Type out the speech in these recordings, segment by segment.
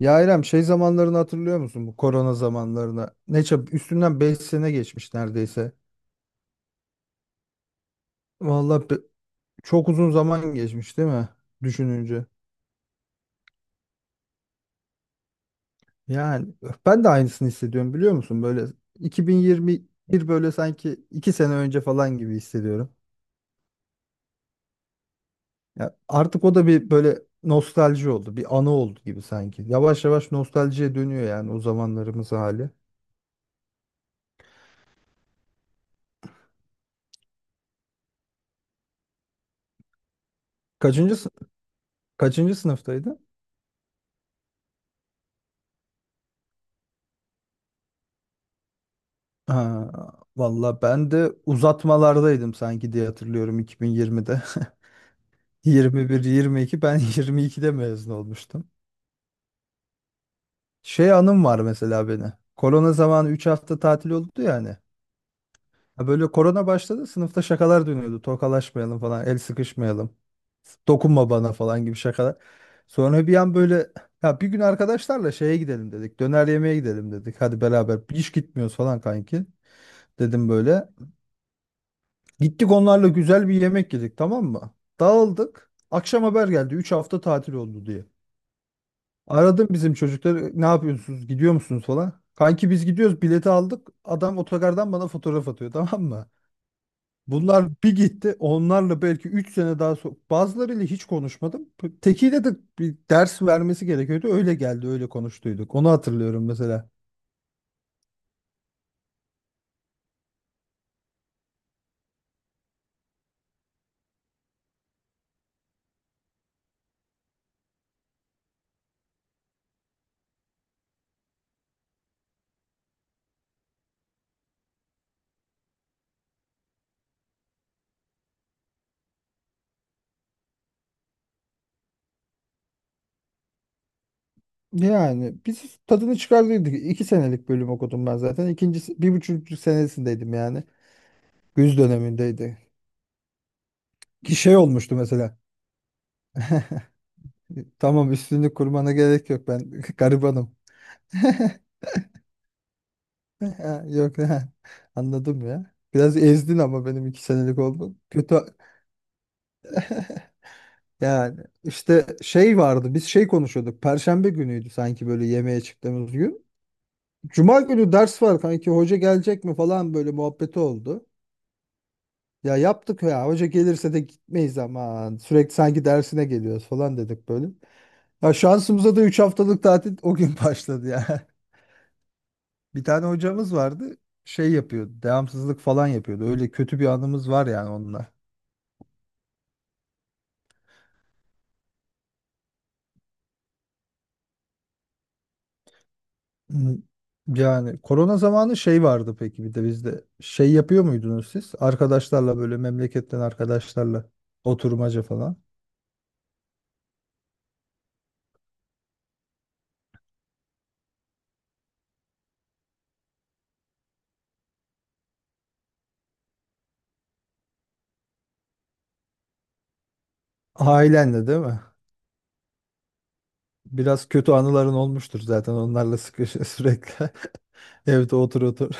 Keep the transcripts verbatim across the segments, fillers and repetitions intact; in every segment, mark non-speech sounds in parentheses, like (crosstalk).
Ya İrem şey zamanlarını hatırlıyor musun, bu korona zamanlarını? Ne çab Üstünden beş sene geçmiş neredeyse. Vallahi be- Çok uzun zaman geçmiş değil mi? Düşününce. Yani ben de aynısını hissediyorum biliyor musun? Böyle iki bin yirmi bir böyle sanki iki sene önce falan gibi hissediyorum. Ya artık o da bir böyle nostalji oldu. Bir anı oldu gibi sanki. Yavaş yavaş nostaljiye dönüyor yani, o zamanlarımız hali. Kaçıncı, sı- Kaçıncı sınıftaydın? Ha, valla ben de uzatmalardaydım sanki diye hatırlıyorum iki bin yirmide. yirmi bir yirmi iki, (laughs) ben yirmi ikide mezun olmuştum. Şey anım var mesela beni. Korona zamanı üç hafta tatil oldu ya hani. Ha, böyle korona başladı, sınıfta şakalar dönüyordu. Tokalaşmayalım falan, el sıkışmayalım. Dokunma bana falan gibi şakalar. Sonra bir an böyle, ya bir gün arkadaşlarla şeye gidelim dedik. Döner yemeğe gidelim dedik. Hadi beraber hiç gitmiyoruz falan kanki. Dedim böyle. Gittik, onlarla güzel bir yemek yedik, tamam mı? Dağıldık. Akşam haber geldi, üç hafta tatil oldu diye. Aradım bizim çocukları, ne yapıyorsunuz, gidiyor musunuz falan. Kanki biz gidiyoruz, bileti aldık. Adam otogardan bana fotoğraf atıyor, tamam mı? Bunlar bir gitti, onlarla belki üç sene daha so bazılarıyla hiç konuşmadım. Tekiyle de bir ders vermesi gerekiyordu. Öyle geldi öyle konuştuyduk. Onu hatırlıyorum mesela. Yani biz tadını çıkardıydık. İki senelik bölüm okudum ben zaten. İkincisi, bir buçuk senesindeydim yani. Güz dönemindeydi. Ki şey olmuştu mesela. Tamam, üstünlük kurmana gerek yok, ben (laughs) garibanım. (laughs) Ha, yok ha. Anladım ya. Biraz ezdin ama, benim iki senelik oldum. Kötü yani. İşte şey vardı, biz şey konuşuyorduk. Perşembe günüydü sanki böyle yemeğe çıktığımız gün. Cuma günü ders var kanki, hoca gelecek mi falan, böyle muhabbeti oldu. Ya yaptık, ya hoca gelirse de gitmeyiz ama sürekli sanki dersine geliyoruz falan dedik böyle. Ya şansımıza da üç haftalık tatil o gün başladı ya. (laughs) Bir tane hocamız vardı. Şey yapıyordu. Devamsızlık falan yapıyordu. Öyle kötü bir anımız var yani onunla. Hmm. Yani korona zamanı şey vardı peki bir de bizde. Şey yapıyor muydunuz siz? Arkadaşlarla böyle, memleketten arkadaşlarla oturmaca falan. Ailenle değil mi? Biraz kötü anıların olmuştur zaten onlarla sıkı (laughs) sürekli. (laughs) Evde otur otur.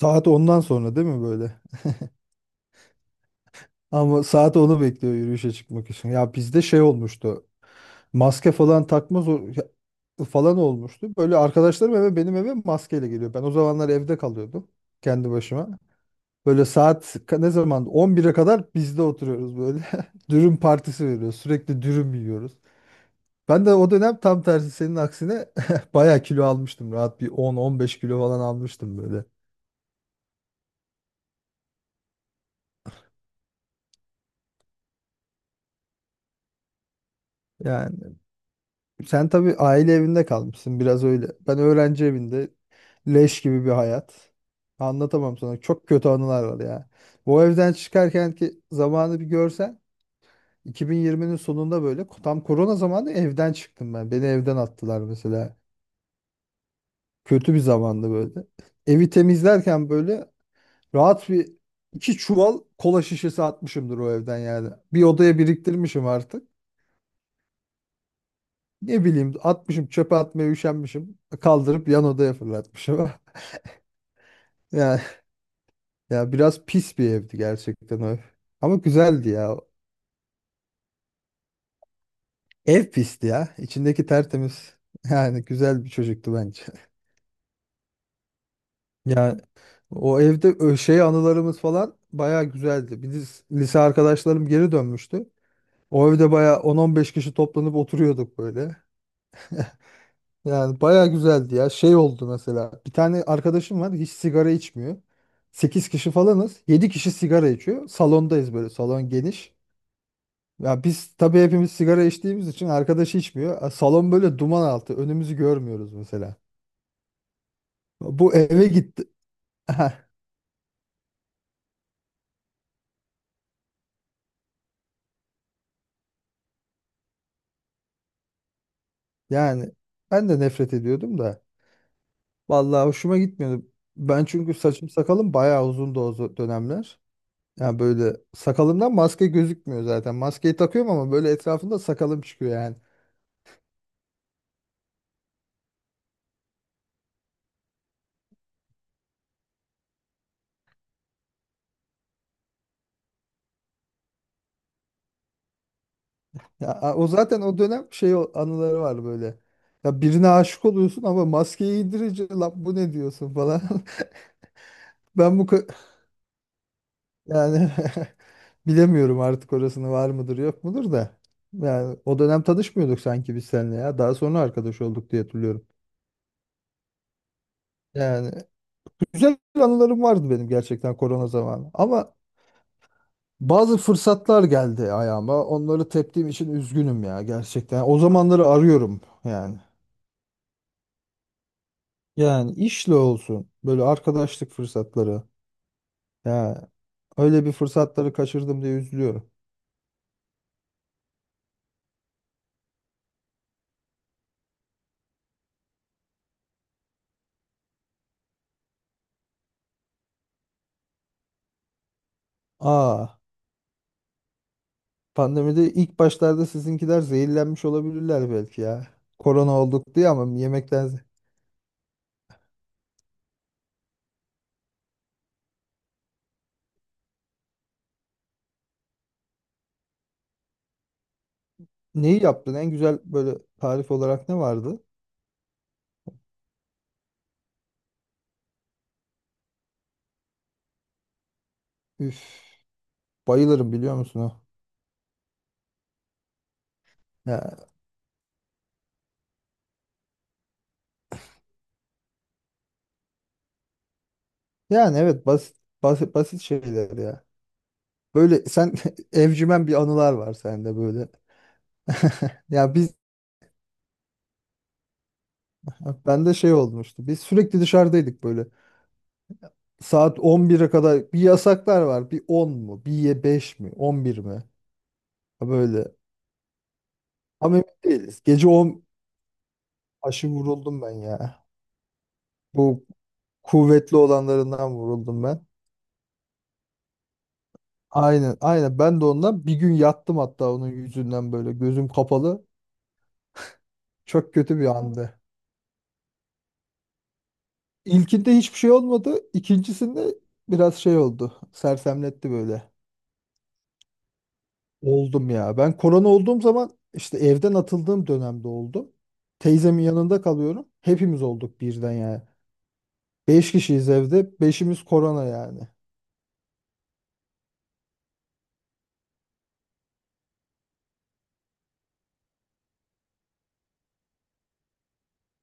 Saat ondan sonra değil mi böyle? Ama saat onu bekliyor yürüyüşe çıkmak için. Ya bizde şey olmuştu. Maske falan takmaz o- ya- Falan olmuştu. Böyle arkadaşlarım eve, benim eve maskeyle geliyor. Ben o zamanlar evde kalıyordum kendi başıma. Böyle saat ka- ne zaman on bire kadar bizde oturuyoruz böyle. (laughs) Dürüm partisi veriyoruz. Sürekli dürüm yiyoruz. Ben de o dönem tam tersi, senin aksine (laughs) bayağı kilo almıştım. Rahat bir on on beş kilo falan almıştım böyle. Yani sen tabii aile evinde kalmışsın biraz öyle. Ben öğrenci evinde, leş gibi bir hayat. Anlatamam sana. Çok kötü anılar var ya. Bu evden çıkarken ki zamanı bir görsen. iki bin yirminin sonunda, böyle tam korona zamanı evden çıktım ben. Beni evden attılar mesela. Kötü bir zamandı böyle. Evi temizlerken böyle rahat bir iki çuval kola şişesi atmışımdır o evden yani. Bir odaya biriktirmişim artık. Ne bileyim, atmışım, çöpe atmaya üşenmişim. Kaldırıp yan odaya fırlatmışım. (laughs) Ya, ya biraz pis bir evdi gerçekten o ev. Ama güzeldi ya. Ev pisti ya. İçindeki tertemiz. (laughs) Yani güzel bir çocuktu bence. (laughs) Ya, o evde ö- şey anılarımız falan bayağı güzeldi. Biz, lise arkadaşlarım geri dönmüştü. O evde bayağı on-on beş kişi toplanıp oturuyorduk böyle. Yani bayağı güzeldi ya. Şey oldu mesela. Bir tane arkadaşım var, hiç sigara içmiyor. Sekiz kişi falanız, yedi kişi sigara içiyor. Salondayız böyle. Salon geniş. Ya biz tabii hepimiz sigara içtiğimiz için, arkadaş içmiyor. E, Salon böyle duman altı. Önümüzü görmüyoruz mesela. Bu eve gitti. (laughs) Yani ben de nefret ediyordum da. Vallahi hoşuma gitmiyordu. Ben çünkü saçım sakalım bayağı uzundu o zo- dönemler. Yani böyle sakalımdan maske gözükmüyor zaten. Maskeyi takıyorum ama böyle etrafında sakalım çıkıyor yani. Ya a, o zaten o dönem şey o- anıları var böyle. Ya birine aşık oluyorsun ama maskeyi indirince lan bu ne diyorsun falan. (laughs) Ben bu ka- Yani (laughs) bilemiyorum artık orasını, var mıdır yok mudur da. Yani o dönem tanışmıyorduk sanki biz seninle ya. Daha sonra arkadaş olduk diye hatırlıyorum. Yani güzel anılarım vardı benim gerçekten korona zamanı. Ama bazı fırsatlar geldi ayağıma. Onları teptiğim için üzgünüm ya, gerçekten. O zamanları arıyorum yani. Yani işle olsun, böyle arkadaşlık fırsatları. Ya, öyle bir fırsatları kaçırdım diye üzülüyorum. Aa, pandemide ilk başlarda sizinkiler zehirlenmiş olabilirler belki ya. Korona olduk diye, ama yemekten ze- neyi yaptın? En güzel böyle tarif olarak ne vardı? Üf, bayılırım biliyor musun o? Ya, yani evet, basit basit basit şeyler ya. Böyle sen (laughs) evcimen bir anılar var sende böyle. (laughs) Ya biz, ben de şey olmuştu. Biz sürekli dışarıdaydık böyle. Saat on bire kadar bir yasaklar var. Bir on mu? Bir ye beş mi? on bir mi? Ha, böyle. Ama emin değiliz. Gece on aşı vuruldum ben ya. Bu kuvvetli olanlarından vuruldum ben. Aynen, aynen. Ben de ondan bir gün yattım hatta onun yüzünden böyle, gözüm kapalı. Çok kötü bir andı. İlkinde hiçbir şey olmadı. İkincisinde biraz şey oldu. Sersemletti böyle. Oldum ya. Ben korona olduğum zaman işte, evden atıldığım dönemde oldum. Teyzemin yanında kalıyorum. Hepimiz olduk birden yani. Beş kişiyiz evde. Beşimiz korona yani.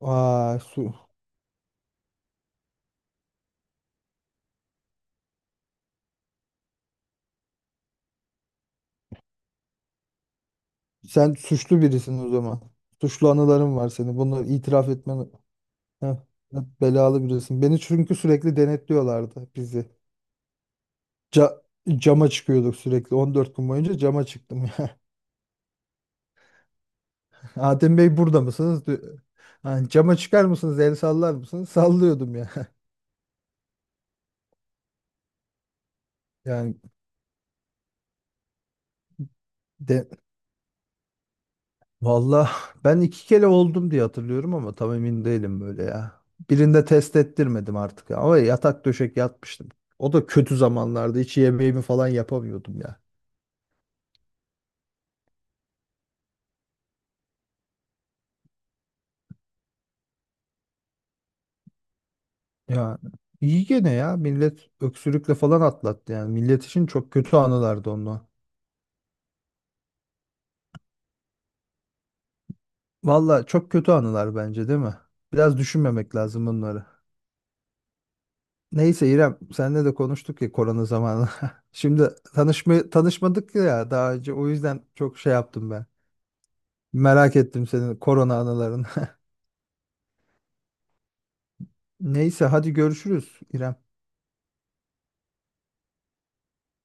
Aa, su. Sen suçlu birisin o zaman. Suçlu anıların var senin. Bunu itiraf etmen. Heh, belalı birisin. Beni çünkü sürekli denetliyorlardı, bizi. Ca- Cama çıkıyorduk sürekli. on dört gün boyunca cama çıktım (laughs) ya. Adem Bey burada mısınız, diyor. Ha, cama çıkar mısınız, el sallar mısınız? Sallıyordum ya. (laughs) Yani de valla (laughs) ben iki kere oldum diye hatırlıyorum ama tam emin değilim böyle ya. Birinde test ettirmedim artık ama yatak döşek yatmıştım. O da kötü zamanlarda hiç yemeğimi falan yapamıyordum ya. Ya iyi gene ya, millet öksürükle falan atlattı, yani millet için çok kötü anılardı onlar. Valla çok kötü anılar bence, değil mi? Biraz düşünmemek lazım bunları. Neyse İrem, seninle de konuştuk ya korona zamanı. (laughs) Şimdi tanışma tanışmadık ya daha önce, o yüzden çok şey yaptım ben. Merak ettim senin korona anılarını. (laughs) Neyse hadi görüşürüz İrem.